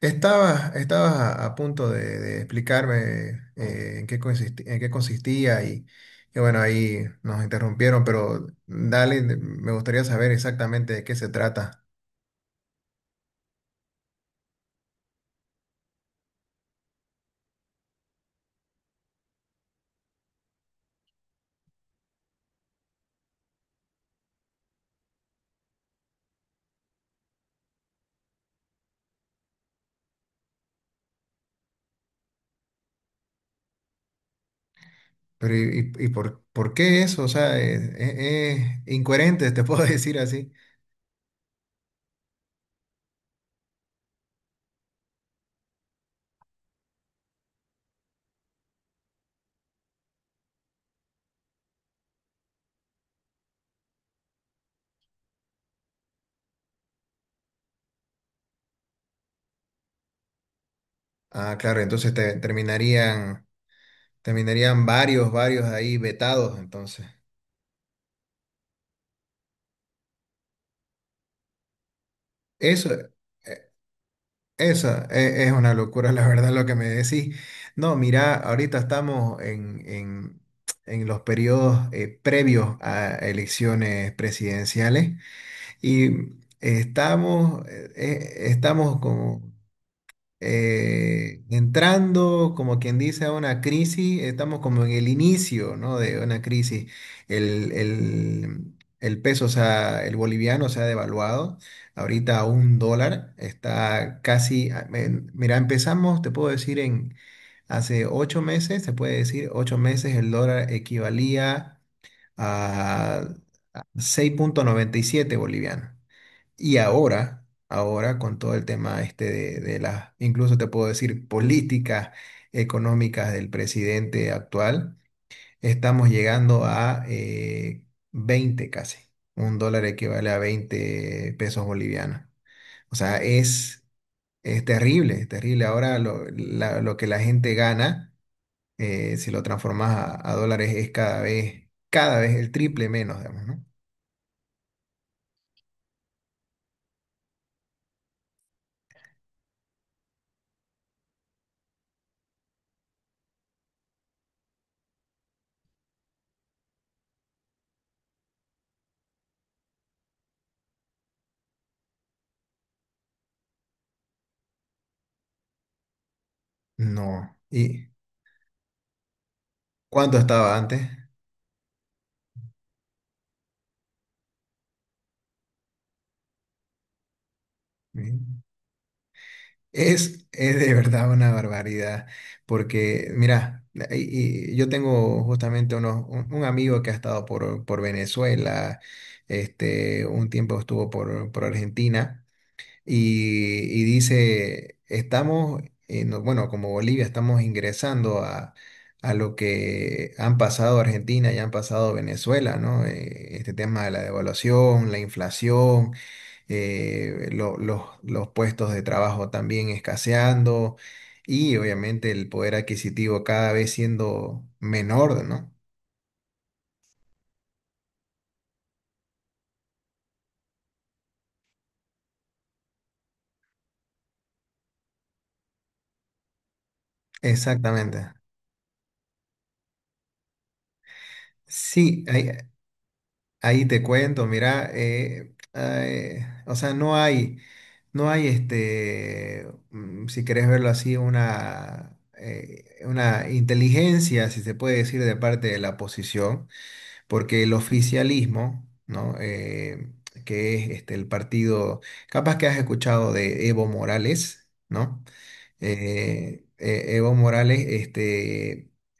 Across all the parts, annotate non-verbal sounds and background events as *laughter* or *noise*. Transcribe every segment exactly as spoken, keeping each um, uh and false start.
Estabas, estabas a, a punto de, de explicarme eh, en qué consisti- en qué consistía y, y bueno, ahí nos interrumpieron, pero dale, de- me gustaría saber exactamente de qué se trata. Pero ¿y, y- y por, por qué eso? O sea, es, es- es incoherente, te puedo *laughs* decir así. Ah, claro, entonces te, terminarían, terminarían varios, varios ahí vetados, entonces. Eso. Esa e- es una locura, la verdad, lo que me decís. No, mira, ahorita estamos en, en- en los periodos eh, previos a elecciones presidenciales y estamos, eh, eh, estamos como eh, entrando, como quien dice, a una crisis, estamos como en el inicio, ¿no?, de una crisis. El, el- el peso, o sea, el boliviano se ha devaluado, ahorita a un dólar, está casi, a- en- mira, empezamos, te puedo decir, en hace ocho meses, se puede decir, ocho meses el dólar equivalía a seis punto noventa y siete boliviano. Y ahora, ahora con todo el tema este de, de las, incluso te puedo decir, políticas económicas del presidente actual, estamos llegando a eh, veinte casi. Un dólar equivale a veinte pesos bolivianos. O sea, es, es terrible, es terrible. Ahora lo, la- lo que la gente gana, eh, si lo transformas a, a dólares, es cada vez, cada vez el triple menos, digamos, ¿no? No. ¿Y cuánto estaba antes? Es, es de verdad una barbaridad, porque mira, y- y yo tengo justamente unos- un, un amigo que ha estado por, por Venezuela, este, un tiempo estuvo por, por Argentina, y, y dice, estamos, en- bueno, como Bolivia, estamos ingresando a, a lo que han pasado Argentina y han pasado Venezuela, ¿no? Eh, Este tema de la devaluación, la inflación, eh, lo- los, los puestos de trabajo también escaseando y obviamente el poder adquisitivo cada vez siendo menor, ¿no? Exactamente. Sí, ahí, ahí te cuento, mira, eh, eh, o sea, no hay, no hay este, mm, si querés verlo así, una, eh, una inteligencia, si se puede decir, de parte de la oposición porque el oficialismo, ¿no? Eh, que es este, el partido, capaz que has escuchado de Evo Morales, ¿no? eh, eh, Evo Morales, este,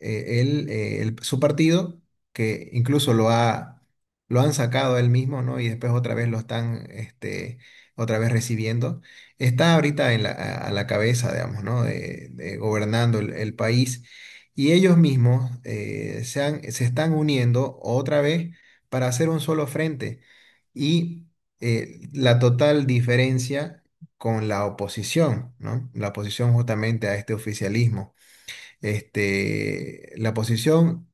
eh, él, eh, el- su partido, que incluso lo ha, lo han sacado a él mismo, ¿no? Y después otra vez lo están, este, otra vez recibiendo, está ahorita en la, a, a la cabeza, digamos, ¿no?, De, de gobernando el, el país. Y ellos mismos eh, se han- se están uniendo otra vez para hacer un solo frente. Y eh, la total diferencia con la oposición, ¿no? La oposición justamente a este oficialismo. Este, la oposición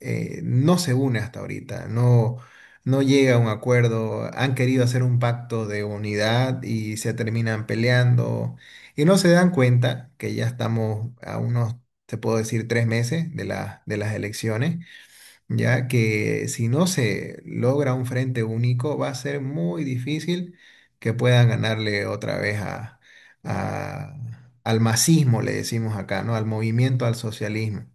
eh, no se une hasta ahorita, no, no llega a un acuerdo, han querido hacer un pacto de unidad y se terminan peleando y no se dan cuenta que ya estamos a unos, te puedo decir, tres meses de la- de las elecciones, ya que si no se logra un frente único, va a ser muy difícil que puedan ganarle otra vez a, a- al masismo, le decimos acá, ¿no? Al movimiento, al socialismo.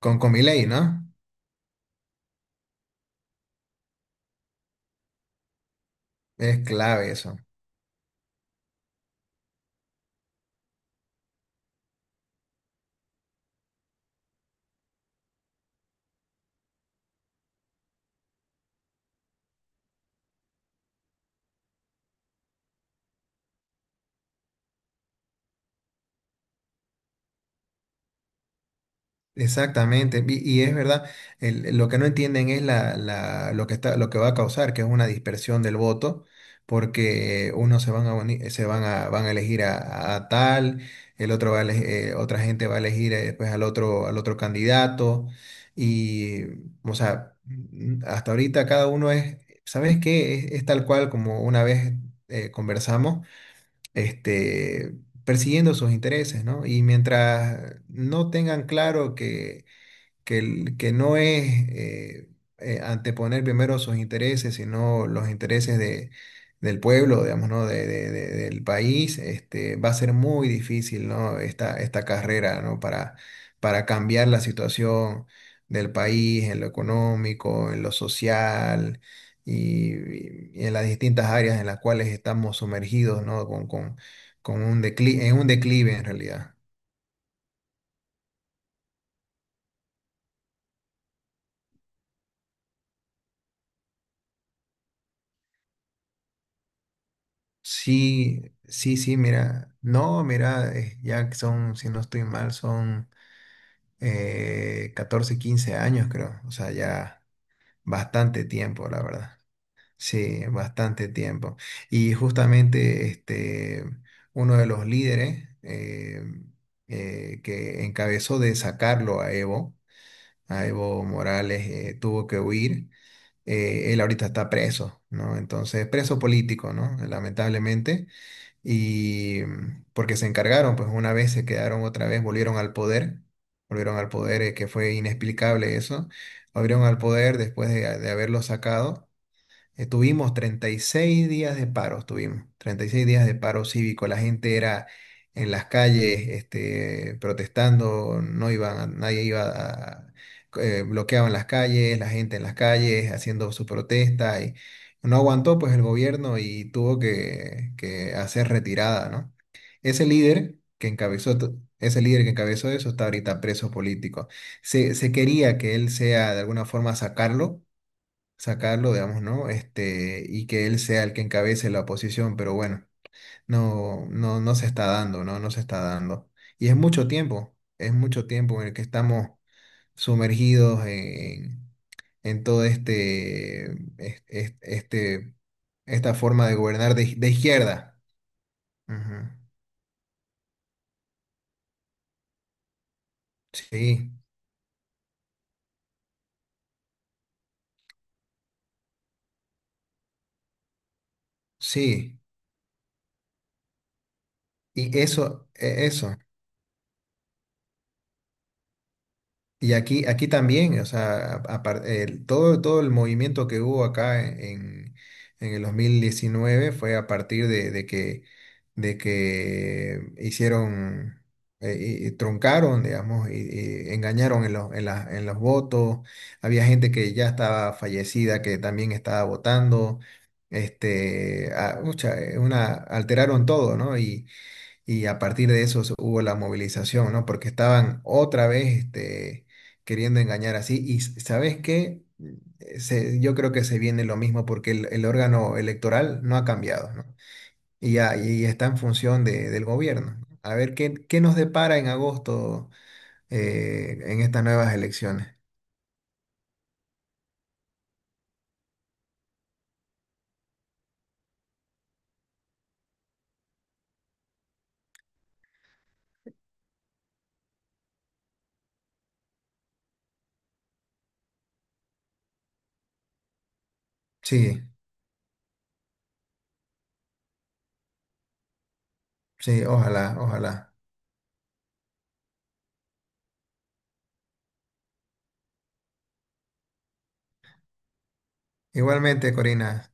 Con Comiley, ¿no? Es clave eso. Exactamente, y, y es verdad, el- lo que no entienden es la, la- lo que está, lo que va a causar, que es una dispersión del voto, porque eh, unos se van a, uni- eh, se van a, van a elegir a, a tal, el otro va a ele- eh, otra gente va a elegir eh, pues, al otro, al otro candidato, y, o sea, mm, hasta ahorita cada uno es, ¿sabes qué? Es, es tal cual como una vez eh, conversamos, este, persiguiendo sus intereses, ¿no? Y mientras no tengan claro que que, el- que no es eh, eh, anteponer primero sus intereses, sino los intereses de, del pueblo, digamos, ¿no? De, de- de- del país, este, va a ser muy difícil, ¿no? Esta, esta carrera, ¿no? Para, para cambiar la situación del país en lo económico, en lo social. Y, y en las distintas áreas en las cuales estamos sumergidos, ¿no? Con, con, con un declive, en un declive en realidad. Sí, sí, sí, mira, no, mira, eh, ya que son, si no estoy mal, son eh, catorce, quince años, creo, o sea, ya bastante tiempo, la verdad. Sí, bastante tiempo. Y justamente este, uno de los líderes eh, eh, que encabezó de sacarlo a Evo, a Evo Morales, eh, tuvo que huir. Eh, él ahorita está preso, ¿no? Entonces, preso político, ¿no? Lamentablemente, y porque se encargaron, pues una vez se quedaron otra vez, volvieron al poder, volvieron al poder, eh, que fue inexplicable eso, volvieron al poder después de, de haberlo sacado, eh, tuvimos treinta y seis días de paro, tuvimos treinta y seis días de paro cívico. La gente era en las calles, este, protestando, no iban, a- nadie iba a, eh, bloqueaban las calles, la gente en las calles haciendo su protesta y no aguantó pues el gobierno y tuvo que, que hacer retirada, ¿no? Ese líder que encabezó, to- ese líder que encabezó eso está ahorita preso político. Se, se quería que él sea de alguna forma sacarlo, sacarlo, digamos, ¿no? Este, y que él sea el que encabece la oposición, pero bueno, no, no, no se está dando, ¿no? No se está dando. Y es mucho tiempo, es mucho tiempo en el que estamos sumergidos en, en todo este, es- es- este, esta forma de gobernar de, de izquierda. Ujú. Sí, sí. Y eso, e- eso. Y aquí, aquí también, o sea, apar- el- todo, todo el movimiento que hubo acá en, en el dos mil diecinueve fue a partir de, de que, de que hicieron, eh, y- y truncaron, digamos, y, y engañaron en los, en las- en los votos. Había gente que ya estaba fallecida, que también estaba votando. Este, ah, ucha, eh, una, alteraron todo, ¿no? Y a partir de eso se- hubo la movilización, ¿no? Porque estaban otra vez este, queriendo engañar así. Y s- ¿sabes qué? Eh, se- yo creo que se viene lo mismo porque el, el órgano electoral no ha cambiado, ¿no? Y, ya, y está en función de- del gobierno. A ver qué, qué nos depara en agosto, eh, en estas nuevas elecciones. Sí, sí, ojalá, ojalá. Igualmente, Corina.